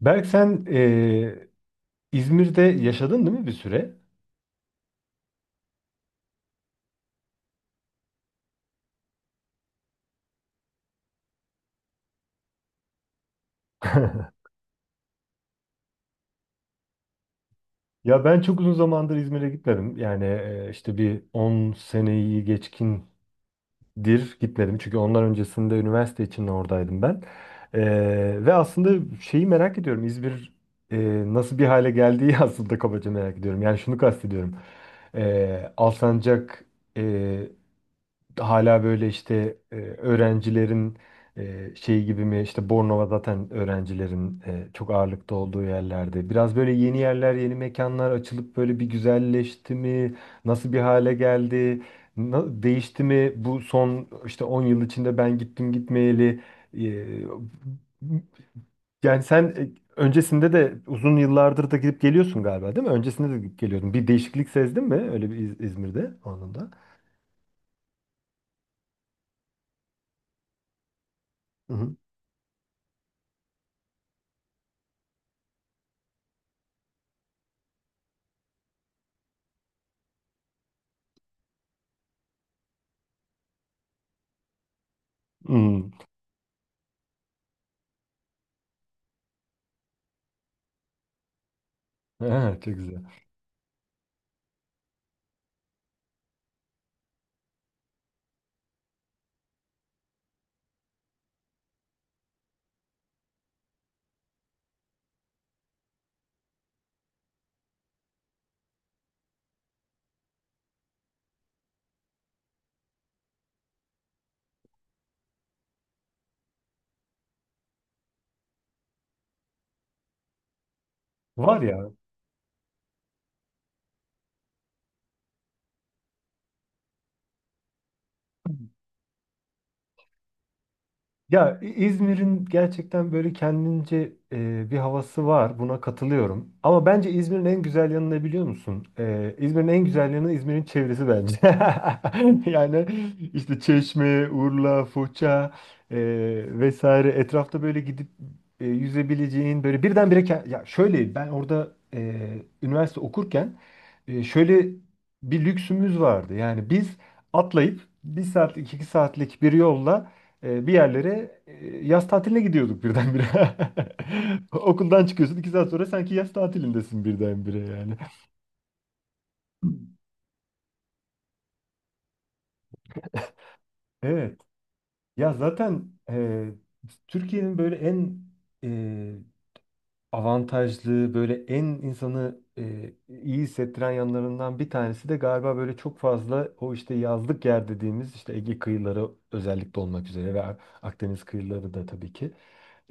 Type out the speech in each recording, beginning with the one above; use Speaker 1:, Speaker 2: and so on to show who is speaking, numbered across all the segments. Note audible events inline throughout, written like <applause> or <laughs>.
Speaker 1: Berk sen İzmir'de yaşadın değil mi bir süre? <laughs> Ya ben çok uzun zamandır İzmir'e gitmedim. Yani işte bir 10 seneyi geçkindir gitmedim. Çünkü ondan öncesinde üniversite için oradaydım ben. Ve aslında şeyi merak ediyorum. İzmir nasıl bir hale geldiği <laughs> aslında kabaca merak ediyorum. Yani şunu kastediyorum. Alsancak hala böyle işte öğrencilerin şey gibi mi işte Bornova zaten öğrencilerin çok ağırlıkta olduğu yerlerde. Biraz böyle yeni yerler, yeni mekanlar açılıp böyle bir güzelleşti mi? Nasıl bir hale geldi? Değişti mi? Bu son işte 10 yıl içinde ben gittim gitmeyeli. E, yani sen öncesinde de uzun yıllardır da gidip geliyorsun galiba değil mi? Öncesinde de gidip geliyordun. Bir değişiklik sezdin mi öyle bir İzmir'de anında? Hı hı. <laughs> Çok güzel. Var ya. Ya İzmir'in gerçekten böyle kendince bir havası var. Buna katılıyorum. Ama bence İzmir'in en güzel yanı ne biliyor musun? İzmir'in en güzel yanı İzmir'in çevresi bence. <laughs> Yani işte Çeşme, Urla, Foça e, vesaire etrafta böyle gidip yüzebileceğin böyle birdenbire ya şöyle ben orada üniversite okurken şöyle bir lüksümüz vardı. Yani biz atlayıp bir saatlik iki saatlik bir yolla bir yerlere yaz tatiline gidiyorduk birdenbire. <laughs> Okuldan çıkıyorsun 2 saat sonra sanki yaz tatilindesin birdenbire yani. Evet. Ya zaten Türkiye'nin böyle en e, avantajlı böyle en insanı iyi hissettiren yanlarından bir tanesi de galiba böyle çok fazla o işte yazlık yer dediğimiz işte Ege kıyıları özellikle olmak üzere ve Akdeniz kıyıları da tabii ki.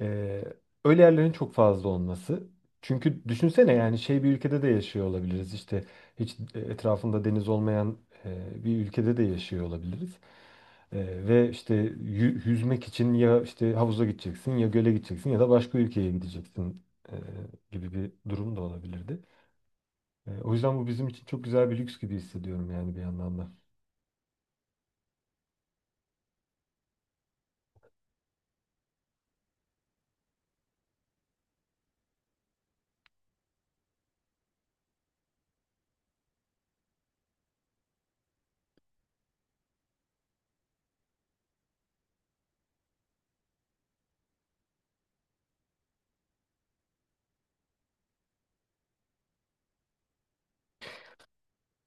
Speaker 1: E, öyle yerlerin çok fazla olması. Çünkü düşünsene yani şey bir ülkede de yaşıyor olabiliriz işte hiç etrafında deniz olmayan bir ülkede de yaşıyor olabiliriz. E, ve işte yüzmek için ya işte havuza gideceksin ya göle gideceksin ya da başka ülkeye gideceksin e, gibi bir durum da olabilirdi. O yüzden bu bizim için çok güzel bir lüks gibi hissediyorum yani bir yandan da.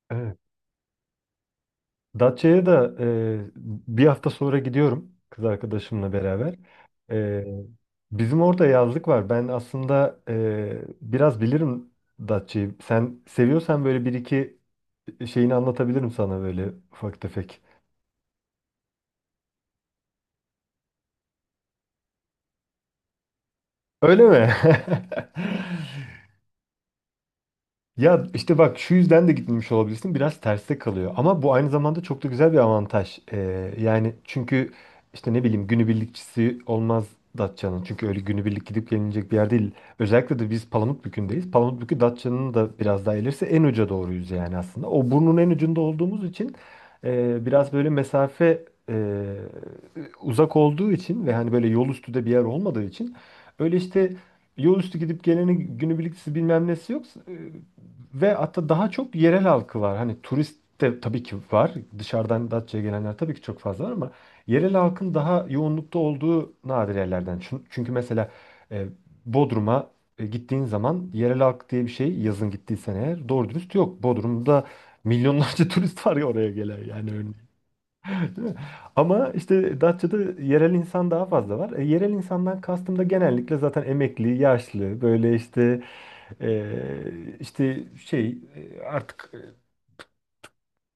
Speaker 1: Evet. Datça'ya da bir hafta sonra gidiyorum kız arkadaşımla beraber. E, bizim orada yazlık var. Ben aslında biraz bilirim Datça'yı. Sen seviyorsan böyle bir iki şeyini anlatabilirim sana böyle ufak tefek. Öyle mi? <laughs> Ya işte bak şu yüzden de gitmemiş olabilirsin. Biraz terste kalıyor. Ama bu aynı zamanda çok da güzel bir avantaj. Yani çünkü işte ne bileyim günübirlikçisi olmaz Datça'nın. Çünkü öyle günübirlik gidip gelinecek bir yer değil. Özellikle de biz Palamutbükü'ndeyiz. Palamutbükü Datça'nın da biraz daha ilerisi en uca doğruyuz yani aslında. O burnun en ucunda olduğumuz için biraz böyle mesafe e, uzak olduğu için ve hani böyle yol üstü de bir yer olmadığı için öyle işte yol üstü gidip geleni günübirliklisi bilmem nesi yok. E, Ve hatta daha çok yerel halkı var. Hani turist de tabii ki var. Dışarıdan Datça'ya gelenler tabii ki çok fazla var ama yerel halkın daha yoğunlukta olduğu nadir yerlerden. Çünkü mesela e, Bodrum'a gittiğin zaman yerel halk diye bir şey yazın gittiysen eğer doğru dürüst yok. Bodrum'da milyonlarca <laughs> turist var ya oraya gelen yani örneğin. Değil mi? Ama işte Datça'da yerel insan daha fazla var. Yerel insandan kastım da genellikle zaten emekli, yaşlı, böyle işte işte şey artık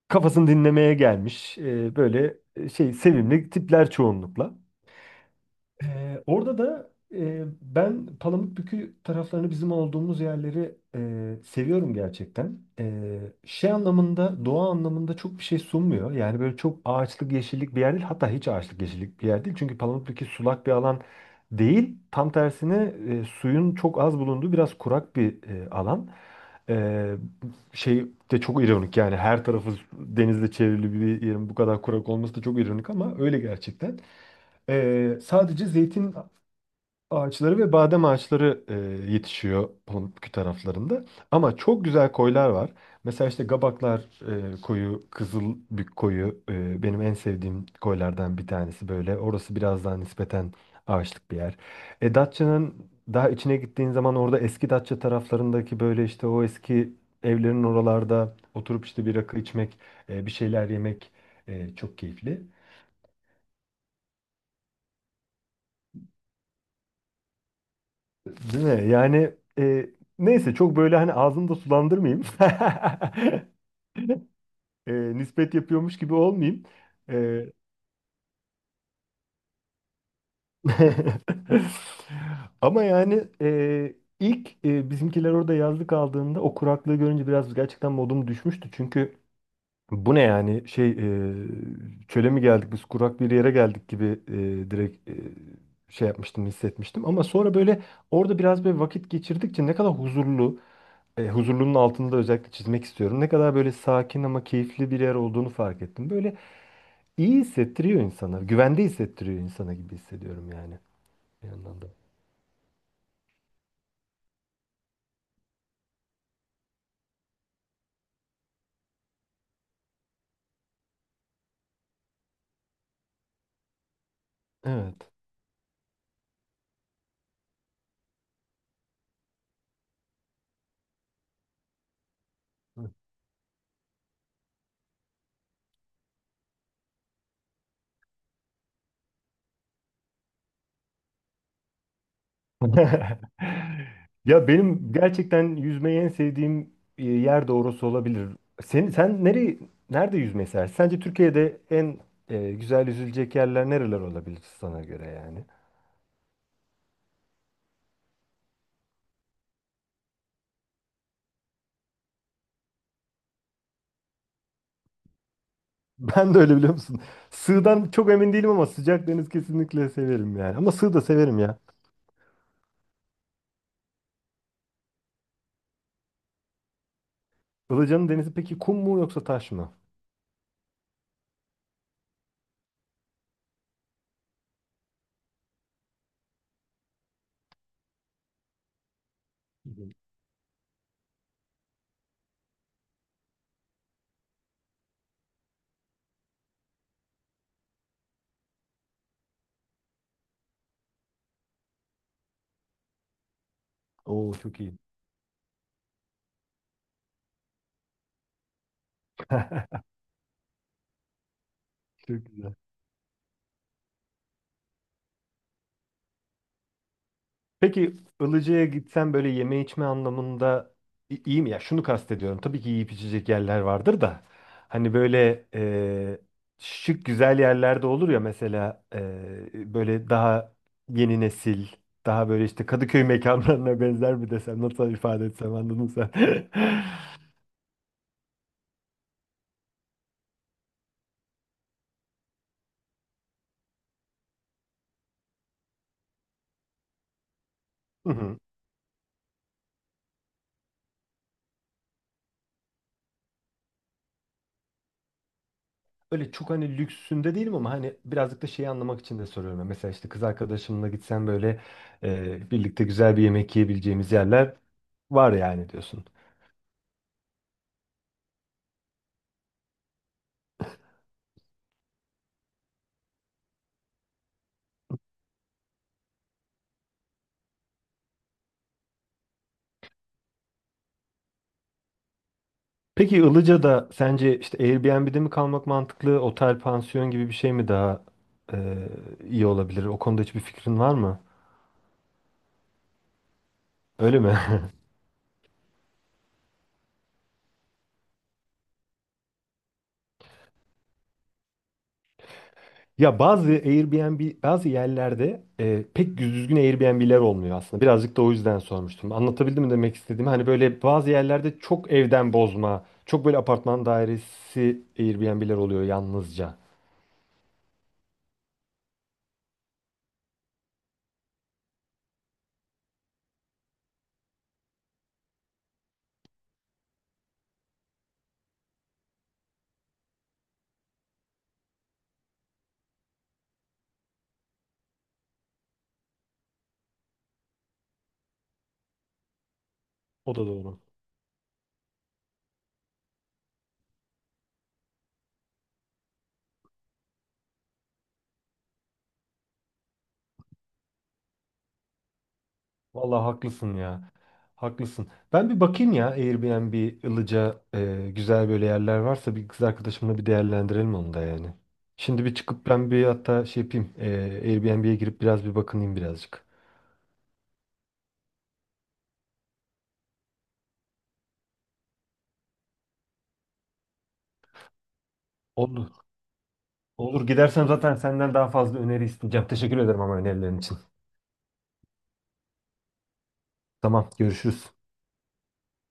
Speaker 1: kafasını dinlemeye gelmiş böyle şey sevimli tipler çoğunlukla. Orada da ben Palamutbükü taraflarını bizim olduğumuz yerleri seviyorum gerçekten. Şey anlamında, doğa anlamında çok bir şey sunmuyor. Yani böyle çok ağaçlık, yeşillik bir yer değil. Hatta hiç ağaçlık, yeşillik bir yer değil. Çünkü Palamutbükü sulak bir alan değil. Tam tersine suyun çok az bulunduğu biraz kurak bir alan. Ee, şey de çok ironik yani her tarafı denizle çevrili bir yerin bu kadar kurak olması da çok ironik ama öyle gerçekten. Sadece zeytin ağaçları ve badem ağaçları yetişiyor Pamukkale taraflarında. Ama çok güzel koylar var. Mesela işte Gabaklar koyu, Kızılbük koyu benim en sevdiğim koylardan bir tanesi böyle. Orası biraz daha nispeten ağaçlık bir yer. Datça'nın daha içine gittiğin zaman orada eski Datça taraflarındaki böyle işte o eski evlerin oralarda oturup işte bir rakı içmek, bir şeyler yemek çok keyifli. Değil mi? Yani e, neyse çok böyle hani ağzımı da sulandırmayayım. <laughs> Nispet yapıyormuş gibi olmayayım. E, <laughs> Ama yani ilk bizimkiler orada yazlık aldığında o kuraklığı görünce biraz gerçekten modum düşmüştü. Çünkü bu ne yani şey çöle mi geldik biz kurak bir yere geldik gibi direkt şey yapmıştım hissetmiştim. Ama sonra böyle orada biraz böyle vakit geçirdikçe ne kadar huzurlu huzurlunun altını da özellikle çizmek istiyorum. Ne kadar böyle sakin ama keyifli bir yer olduğunu fark ettim. Böyle iyi hissettiriyor insana, güvende hissettiriyor insana gibi hissediyorum yani bir yandan da. Evet. <laughs> Ya benim gerçekten yüzmeyi en sevdiğim yer de orası olabilir. Sen nerede yüzmeyi seversin? Sence Türkiye'de en güzel yüzülecek yerler nereler olabilir sana göre yani? <laughs> Ben de öyle biliyor musun? Sığdan çok emin değilim ama sıcak deniz kesinlikle severim yani. Ama sığ da severim ya. Ilıca'nın denizi peki kum mu yoksa taş mı? Hı hı. Oo çok iyi. <laughs> Çok güzel. Peki Ilıca'ya gitsen böyle yeme içme anlamında iyi mi? Ya şunu kastediyorum. Tabii ki yiyip içecek yerler vardır da. Hani böyle şık güzel yerlerde olur ya mesela böyle daha yeni nesil, daha böyle işte Kadıköy mekanlarına <laughs> benzer mi desem, nasıl ifade etsem anladın sen. <laughs> Hı hı. Öyle çok hani lüksünde değilim ama hani birazcık da şeyi anlamak için de soruyorum. Yani mesela işte kız arkadaşımla gitsem böyle birlikte güzel bir yemek yiyebileceğimiz yerler var yani diyorsun. Peki Ilıca'da sence işte Airbnb'de mi kalmak mantıklı, otel, pansiyon gibi bir şey mi daha e, iyi olabilir? O konuda hiçbir fikrin var mı? Öyle mi? <laughs> Ya bazı Airbnb bazı yerlerde pek düzgün Airbnb'ler olmuyor aslında. Birazcık da o yüzden sormuştum. Anlatabildim mi demek istediğimi? Hani böyle bazı yerlerde çok evden bozma, çok böyle apartman dairesi Airbnb'ler oluyor yalnızca. O da doğru. Vallahi haklısın ya. Haklısın. Ben bir bakayım ya Airbnb, Ilıca güzel böyle yerler varsa bir kız arkadaşımla bir değerlendirelim onu da yani. Şimdi bir çıkıp ben bir hatta şey yapayım. Airbnb'ye girip biraz bir bakınayım birazcık. Oldu. Olur gidersem zaten senden daha fazla öneri isteyeceğim. Teşekkür ederim ama önerilerin için. Tamam görüşürüz.